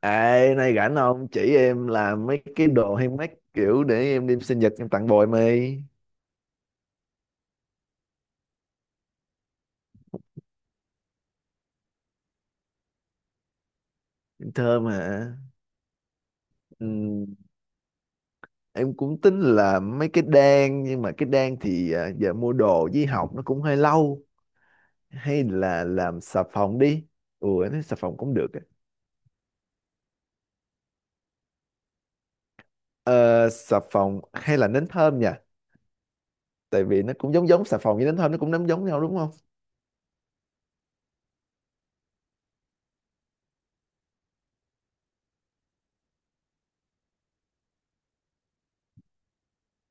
Ê, nay rảnh không? Chỉ em làm mấy cái đồ handmade kiểu để em đem sinh nhật em tặng bồi mày. Em thơm hả? Ừm, em cũng tính là mấy cái đan nhưng mà cái đan thì giờ mua đồ với học nó cũng hơi lâu. Hay là làm xà phòng đi. Ủa, em thấy xà phòng cũng được á. Ờ, xà phòng hay là nến thơm nha. Tại vì nó cũng giống giống xà phòng với nến thơm nó cũng nấm giống nhau đúng không?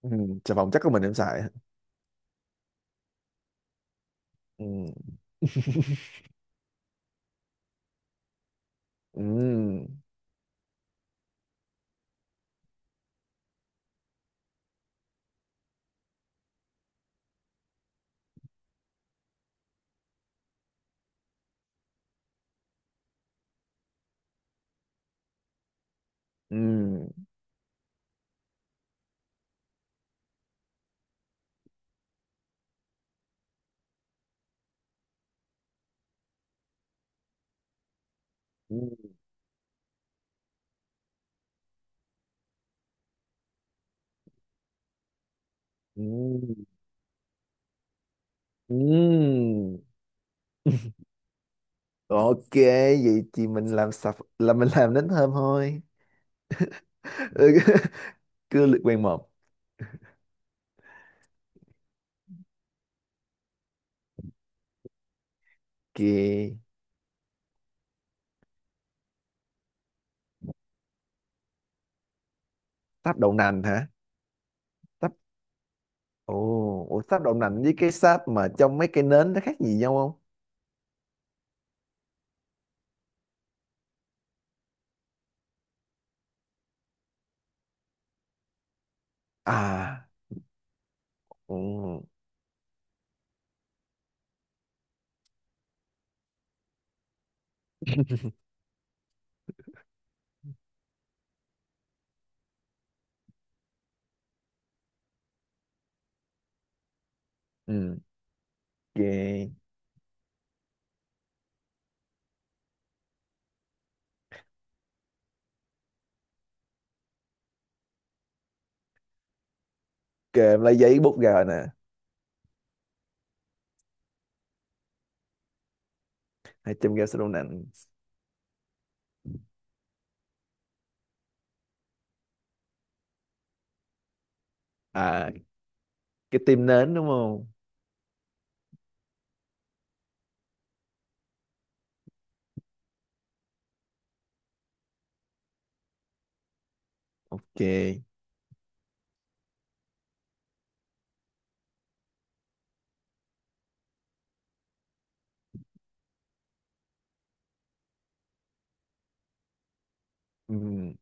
Xà phòng chắc có mình em xài. Ừm. Ừm. Ừm. Ừm. Ừm. Ừm, ok vậy thì mình làm sập là mình làm đến thơm thôi. Ừ, cứ lượt quen một kìa. Sáp đậu nành hả? Sáp. Ồ, ủa, sáp đậu nành với cái sáp mà trong mấy cái nến nó khác gì nhau không? À, ừ. Ừ, ok. Ok, em lấy giấy bút ra rồi nè. Hai trăm gram sáp đậu nành. À, cái tim nến đúng không? Ok. Ừm,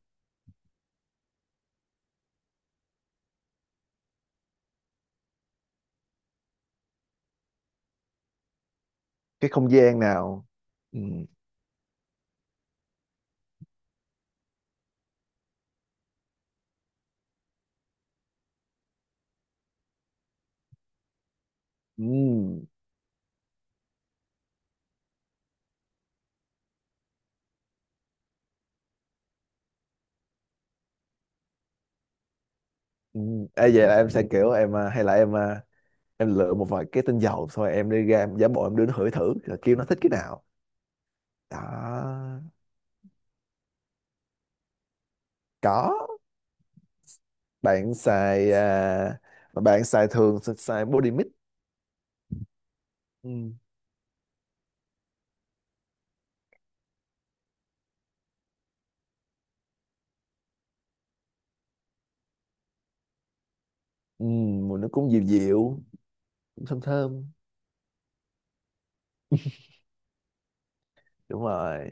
cái không gian nào? Ừm, ừm, Ê, vậy là em sẽ kiểu em à, hay là em à, em lựa một vài cái tinh dầu xong rồi em đi ra em giả bộ em đưa nó hửi thử rồi kêu nó thích cái nào đó. Có. Bạn xài mà bạn xài thường sẽ xài body mist. Ừ. Ừ, mùi nó cũng dịu dịu, cũng thơm thơm. Đúng rồi.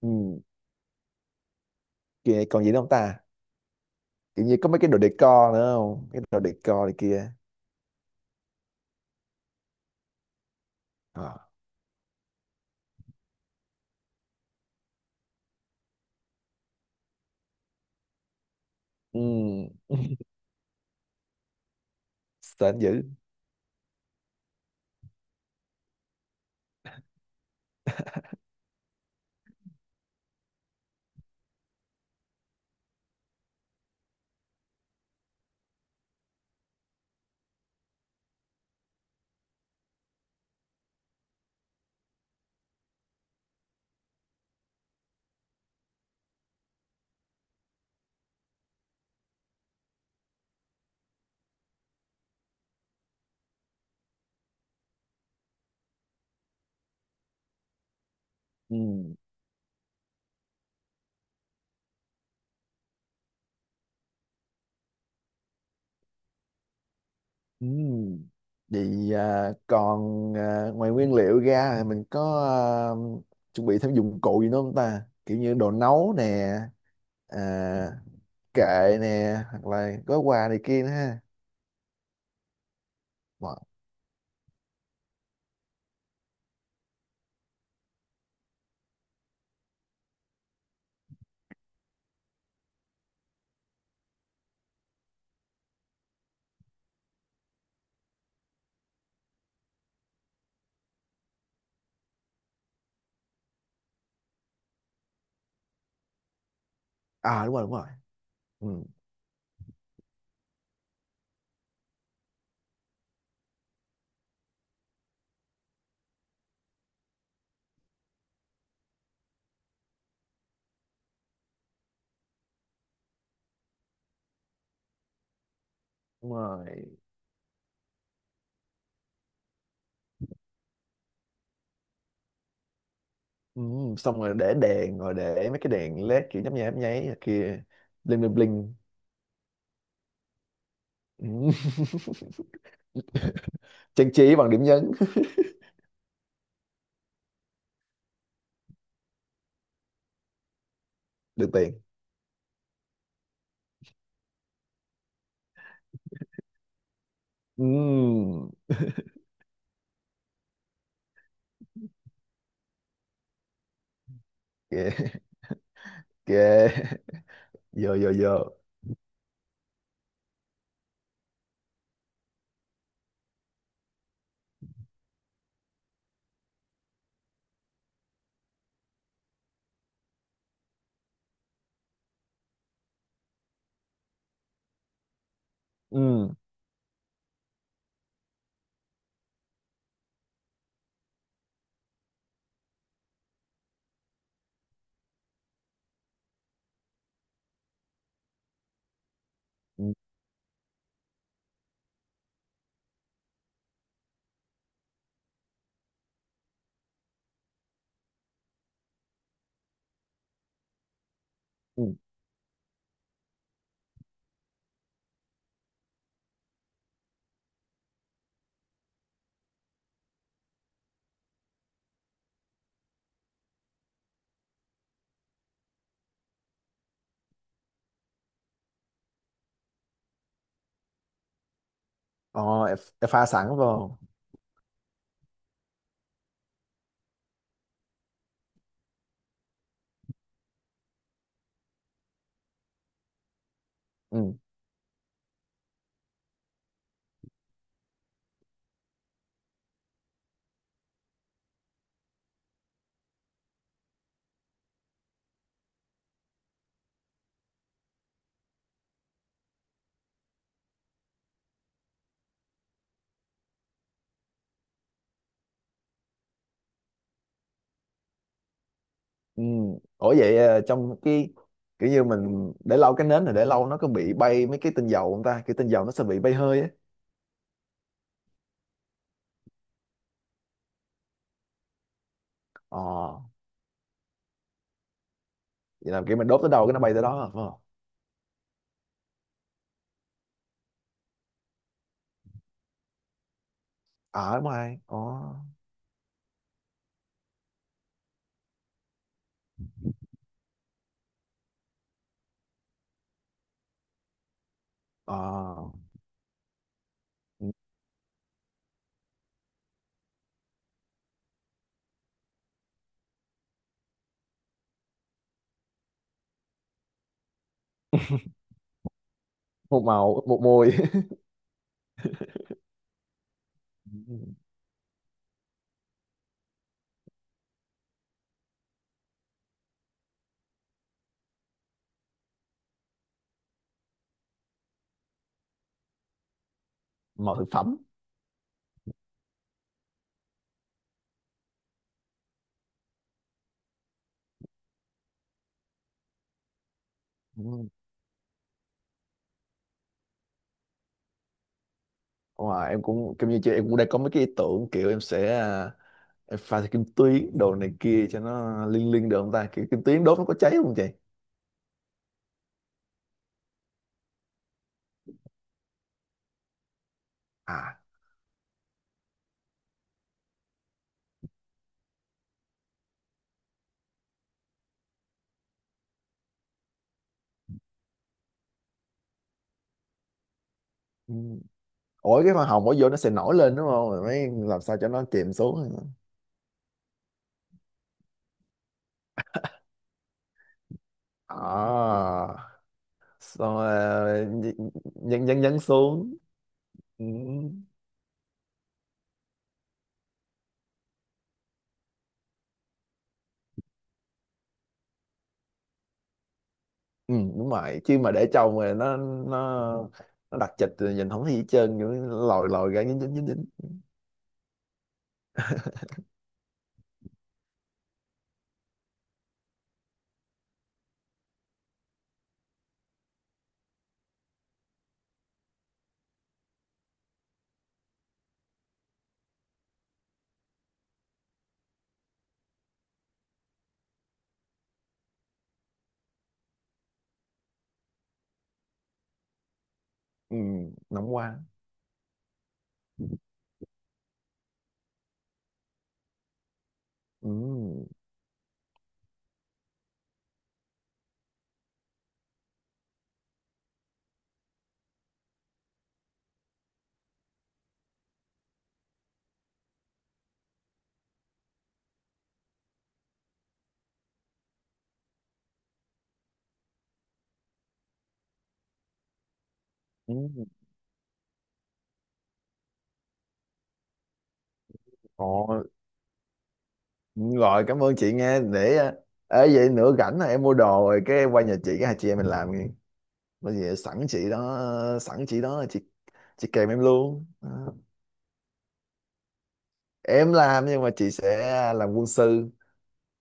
Ừ. Kìa còn gì nữa không ta? Kiểu như có mấy cái đồ decor nữa không, cái đồ decor này kia. À. Ừ. Sến dữ. Ừ. Ừm, vậy ngoài nguyên liệu ra thì mình có chuẩn bị thêm dụng cụ gì nữa không ta? Kiểu như đồ nấu nè, à, kệ nè, hoặc là gói quà này kia nữa ha. Wow. À đúng rồi, đúng rồi. Ừ, đúng rồi. Ừ, xong rồi để đèn, rồi để mấy cái đèn LED kiểu nhấp nháy này kia, bling bling bling. Ừ. Trang trí bằng điểm nhấn, được tiền. Ừ, kệ, kệ, vô vô vô. Ừ. Ừ, ừ. Ờ, em pha sẵn vào. Ừ. Ừ. Ủa vậy trong cái kiểu như mình để lâu, cái nến này để lâu nó có bị bay mấy cái tinh dầu không ta? Kiểu tinh dầu nó sẽ bị bay hơi á. Ờ, vậy là kiểu mình đốt tới đâu cái nó bay tới đó, à, phải không? Ờ, đúng rồi. Ờ, ờ. Ừ. Một màu, một mùi. Ừ. Màu thực phẩm. Ừ. Ờ, em cũng kiểu như chị, em cũng đang có mấy cái ý tưởng kiểu em sẽ em pha thêm kim tuyến đồ này kia cho nó liên liên được không ta? Kiểu kim tuyến đốt nó có cháy không chị? À. Ừ. Ủa cái hoa hồng bỏ vô nó sẽ nổi lên đúng không? Rồi mới làm sao cho nó chìm xuống? À, xong rồi ờ, nhấn nhấn nhấn xuống. Ừ. Ừ, đúng rồi, chứ mà để trồng rồi nó nó đặc trịch rồi nhìn không thấy gì hết trơn, kiểu lòi lòi ra dính dính dính dính. Ừ, nóng quá. Ừ. Ừ. Ồ, rồi cảm ơn chị nghe. Để ê vậy nữa rảnh là em mua đồ rồi cái qua nhà chị cái hai chị em mình làm nghe. Bây giờ sẵn chị đó, sẵn chị đó chị kèm em luôn đó. Em làm nhưng mà chị sẽ làm quân sư.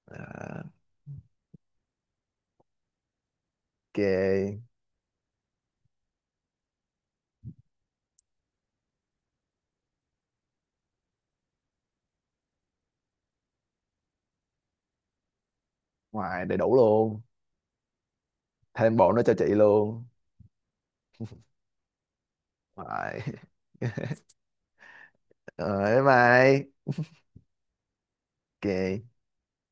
À, kề ngoài đầy đủ luôn, thêm bộ nó cho chị luôn ngoài. Ờ, em mày kệ.